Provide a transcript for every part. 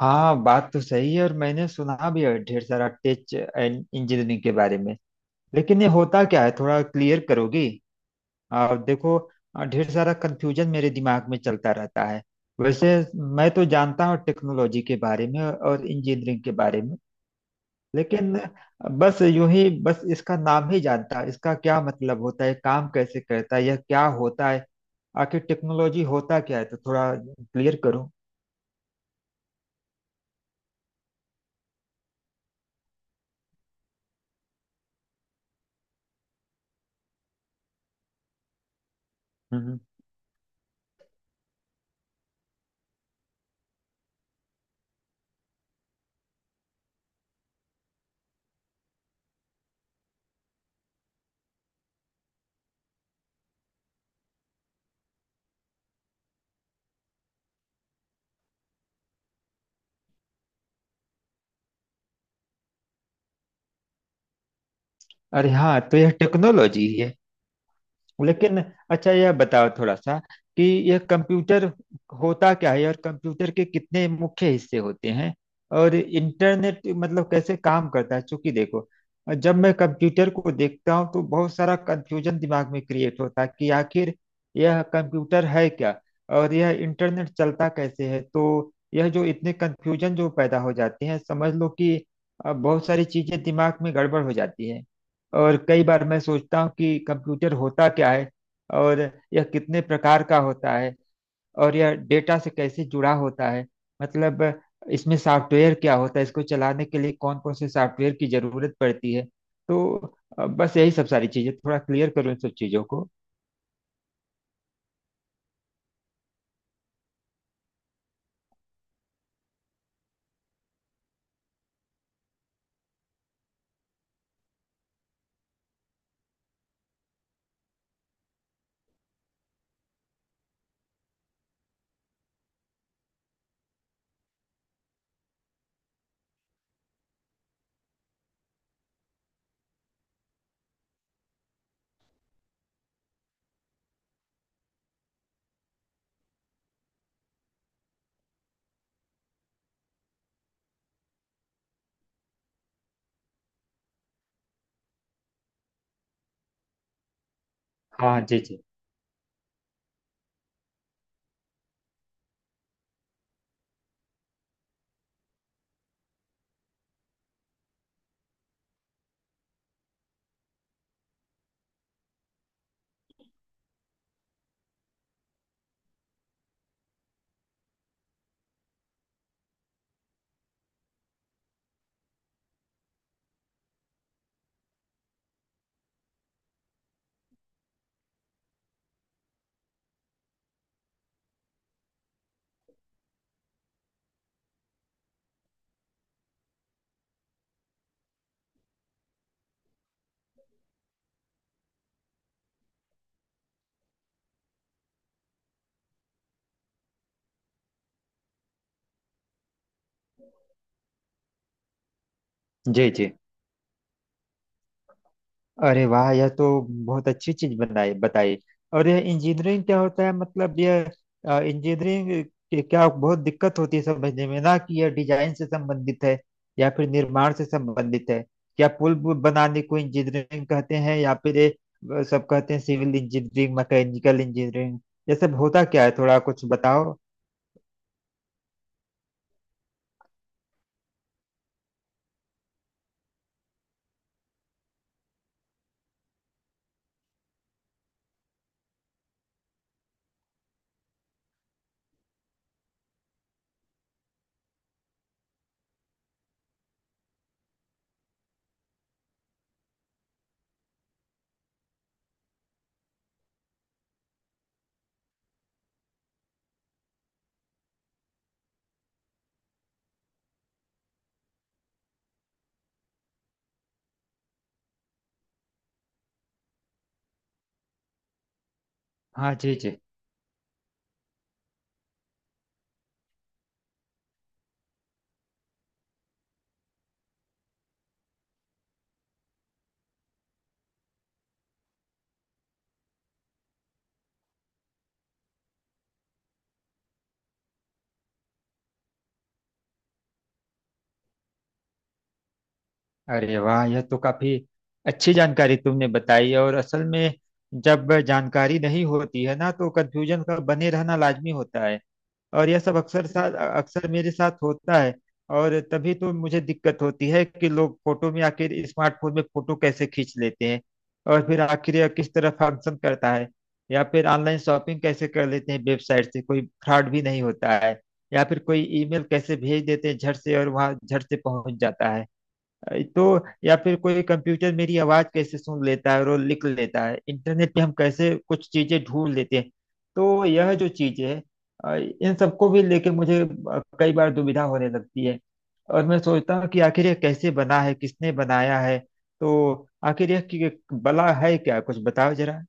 हाँ बात तो सही है, और मैंने सुना भी है ढेर सारा टेच एंड इंजीनियरिंग के बारे में। लेकिन ये होता क्या है, थोड़ा क्लियर करोगी? देखो, ढेर सारा कंफ्यूजन मेरे दिमाग में चलता रहता है। वैसे मैं तो जानता हूँ टेक्नोलॉजी के बारे में और इंजीनियरिंग के बारे में, लेकिन बस यूं ही बस इसका नाम ही जानता। इसका क्या मतलब होता है, काम कैसे करता है, यह क्या होता है, आखिर टेक्नोलॉजी होता क्या है? तो थोड़ा क्लियर करो। हम्म। हम्म। अरे हाँ, तो यह टेक्नोलॉजी ही है। लेकिन अच्छा, यह बताओ थोड़ा सा कि यह कंप्यूटर होता क्या है, और कंप्यूटर के कितने मुख्य हिस्से होते हैं, और इंटरनेट मतलब कैसे काम करता है? क्योंकि देखो, जब मैं कंप्यूटर को देखता हूँ तो बहुत सारा कंफ्यूजन दिमाग में क्रिएट होता है कि आखिर यह कंप्यूटर है क्या, और यह इंटरनेट चलता कैसे है। तो यह जो इतने कंफ्यूजन जो पैदा हो जाते हैं, समझ लो कि बहुत सारी चीजें दिमाग में गड़बड़ हो जाती है। और कई बार मैं सोचता हूँ कि कंप्यूटर होता क्या है, और यह कितने प्रकार का होता है, और यह डेटा से कैसे जुड़ा होता है। मतलब इसमें सॉफ्टवेयर क्या होता है, इसको चलाने के लिए कौन कौन से सॉफ्टवेयर की जरूरत पड़ती है। तो बस यही सब सारी चीजें थोड़ा क्लियर करो, इन सब चीजों को। हाँ जी जी। जी जी। अरे वाह, यह तो बहुत अच्छी चीज बनाई बताई। और यह इंजीनियरिंग क्या होता है, मतलब यह इंजीनियरिंग के क्या बहुत दिक्कत होती है समझने में ना, कि यह डिजाइन से संबंधित है या फिर निर्माण से संबंधित है, या बनाने को इंजीनियरिंग कहते हैं, या फिर ये सब कहते हैं सिविल इंजीनियरिंग, मैकेनिकल इंजीनियरिंग। यह सब होता क्या है, थोड़ा कुछ बताओ। हाँ जी जी। अरे वाह, यह तो काफी अच्छी जानकारी तुमने बताई। और असल में जब जानकारी नहीं होती है ना, तो कंफ्यूजन का बने रहना लाजमी होता है। और यह सब अक्सर साथ, अक्सर मेरे साथ होता है। और तभी तो मुझे दिक्कत होती है कि लोग फोटो में आखिर स्मार्टफोन में फोटो कैसे खींच लेते हैं, और फिर आखिर यह किस तरह फंक्शन करता है। या फिर ऑनलाइन शॉपिंग कैसे कर लेते हैं, वेबसाइट से कोई फ्रॉड भी नहीं होता है। या फिर कोई ईमेल कैसे भेज देते हैं झट से, और वहां झट से पहुंच जाता है। तो या फिर कोई कंप्यूटर मेरी आवाज कैसे सुन लेता है और वो लिख लेता है, इंटरनेट पे हम कैसे कुछ चीजें ढूंढ लेते हैं। तो यह जो चीजें हैं, अ, इन सबको भी लेके मुझे कई बार दुविधा होने लगती है। और मैं सोचता हूँ कि आखिर यह कैसे बना है, किसने बनाया है। तो आखिर यह बला है क्या, कुछ बताओ जरा।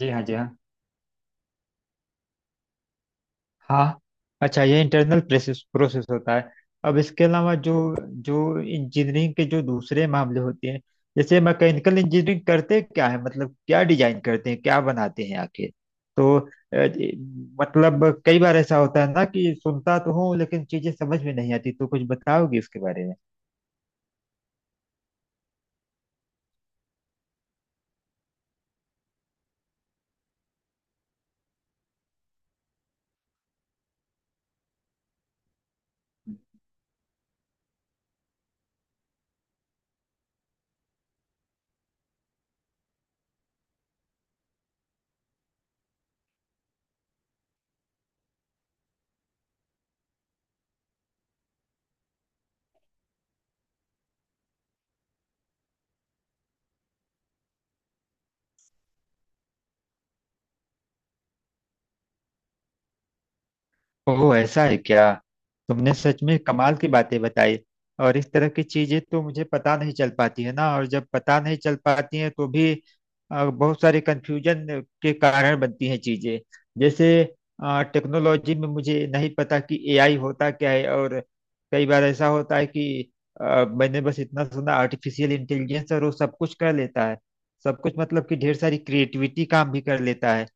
जी हाँ। जी हाँ। हाँ। अच्छा, ये इंटरनल प्रोसेस प्रोसेस होता है। अब इसके अलावा जो जो इंजीनियरिंग के जो दूसरे मामले होते हैं, जैसे मैकेनिकल इंजीनियरिंग करते क्या है, मतलब क्या डिजाइन करते हैं, क्या बनाते हैं आखिर? तो अ, ये- मतलब कई बार ऐसा होता है ना कि सुनता तो हूँ लेकिन चीजें समझ में नहीं आती। तो कुछ बताओगी इसके बारे में? ओह, ऐसा है क्या। तुमने सच में कमाल की बातें बताई। और इस तरह की चीजें तो मुझे पता नहीं चल पाती है ना, और जब पता नहीं चल पाती हैं तो भी बहुत सारे कंफ्यूजन के कारण बनती हैं चीजें। जैसे टेक्नोलॉजी में मुझे नहीं पता कि एआई होता क्या है। और कई बार ऐसा होता है कि मैंने बस इतना सुना आर्टिफिशियल इंटेलिजेंस, और वो सब कुछ कर लेता है। सब कुछ मतलब कि ढेर सारी क्रिएटिविटी काम भी कर लेता है,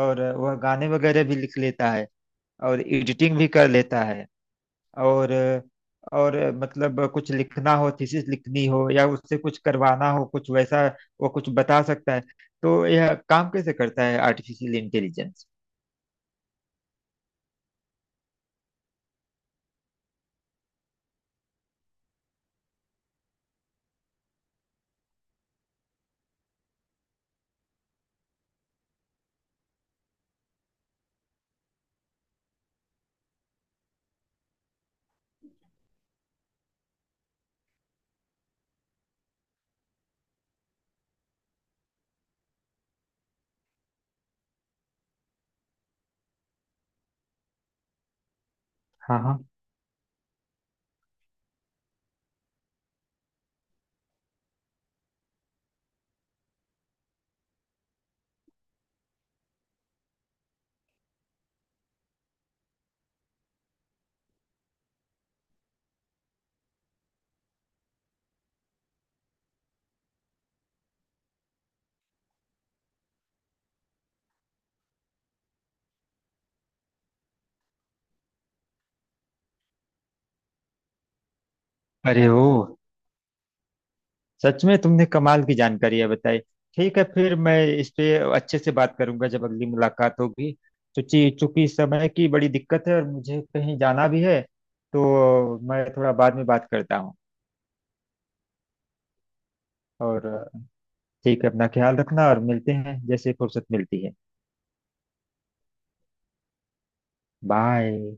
और वह गाने वगैरह भी लिख लेता है, और एडिटिंग भी कर लेता है, और और मतलब कुछ लिखना हो, थीसिस लिखनी हो, या उससे कुछ करवाना हो कुछ वैसा, वो कुछ बता सकता है। तो यह काम कैसे करता है आर्टिफिशियल इंटेलिजेंस? हाँ हाँ। अरे ओ, सच में तुमने कमाल की जानकारी है बताई। ठीक है, फिर मैं इस पे अच्छे से बात करूंगा जब अगली मुलाकात होगी। चूंकि चूंकि समय की बड़ी दिक्कत है और मुझे कहीं जाना भी है, तो मैं थोड़ा बाद में बात करता हूँ। और ठीक है, अपना ख्याल रखना, और मिलते हैं जैसे फुर्सत मिलती है। बाय।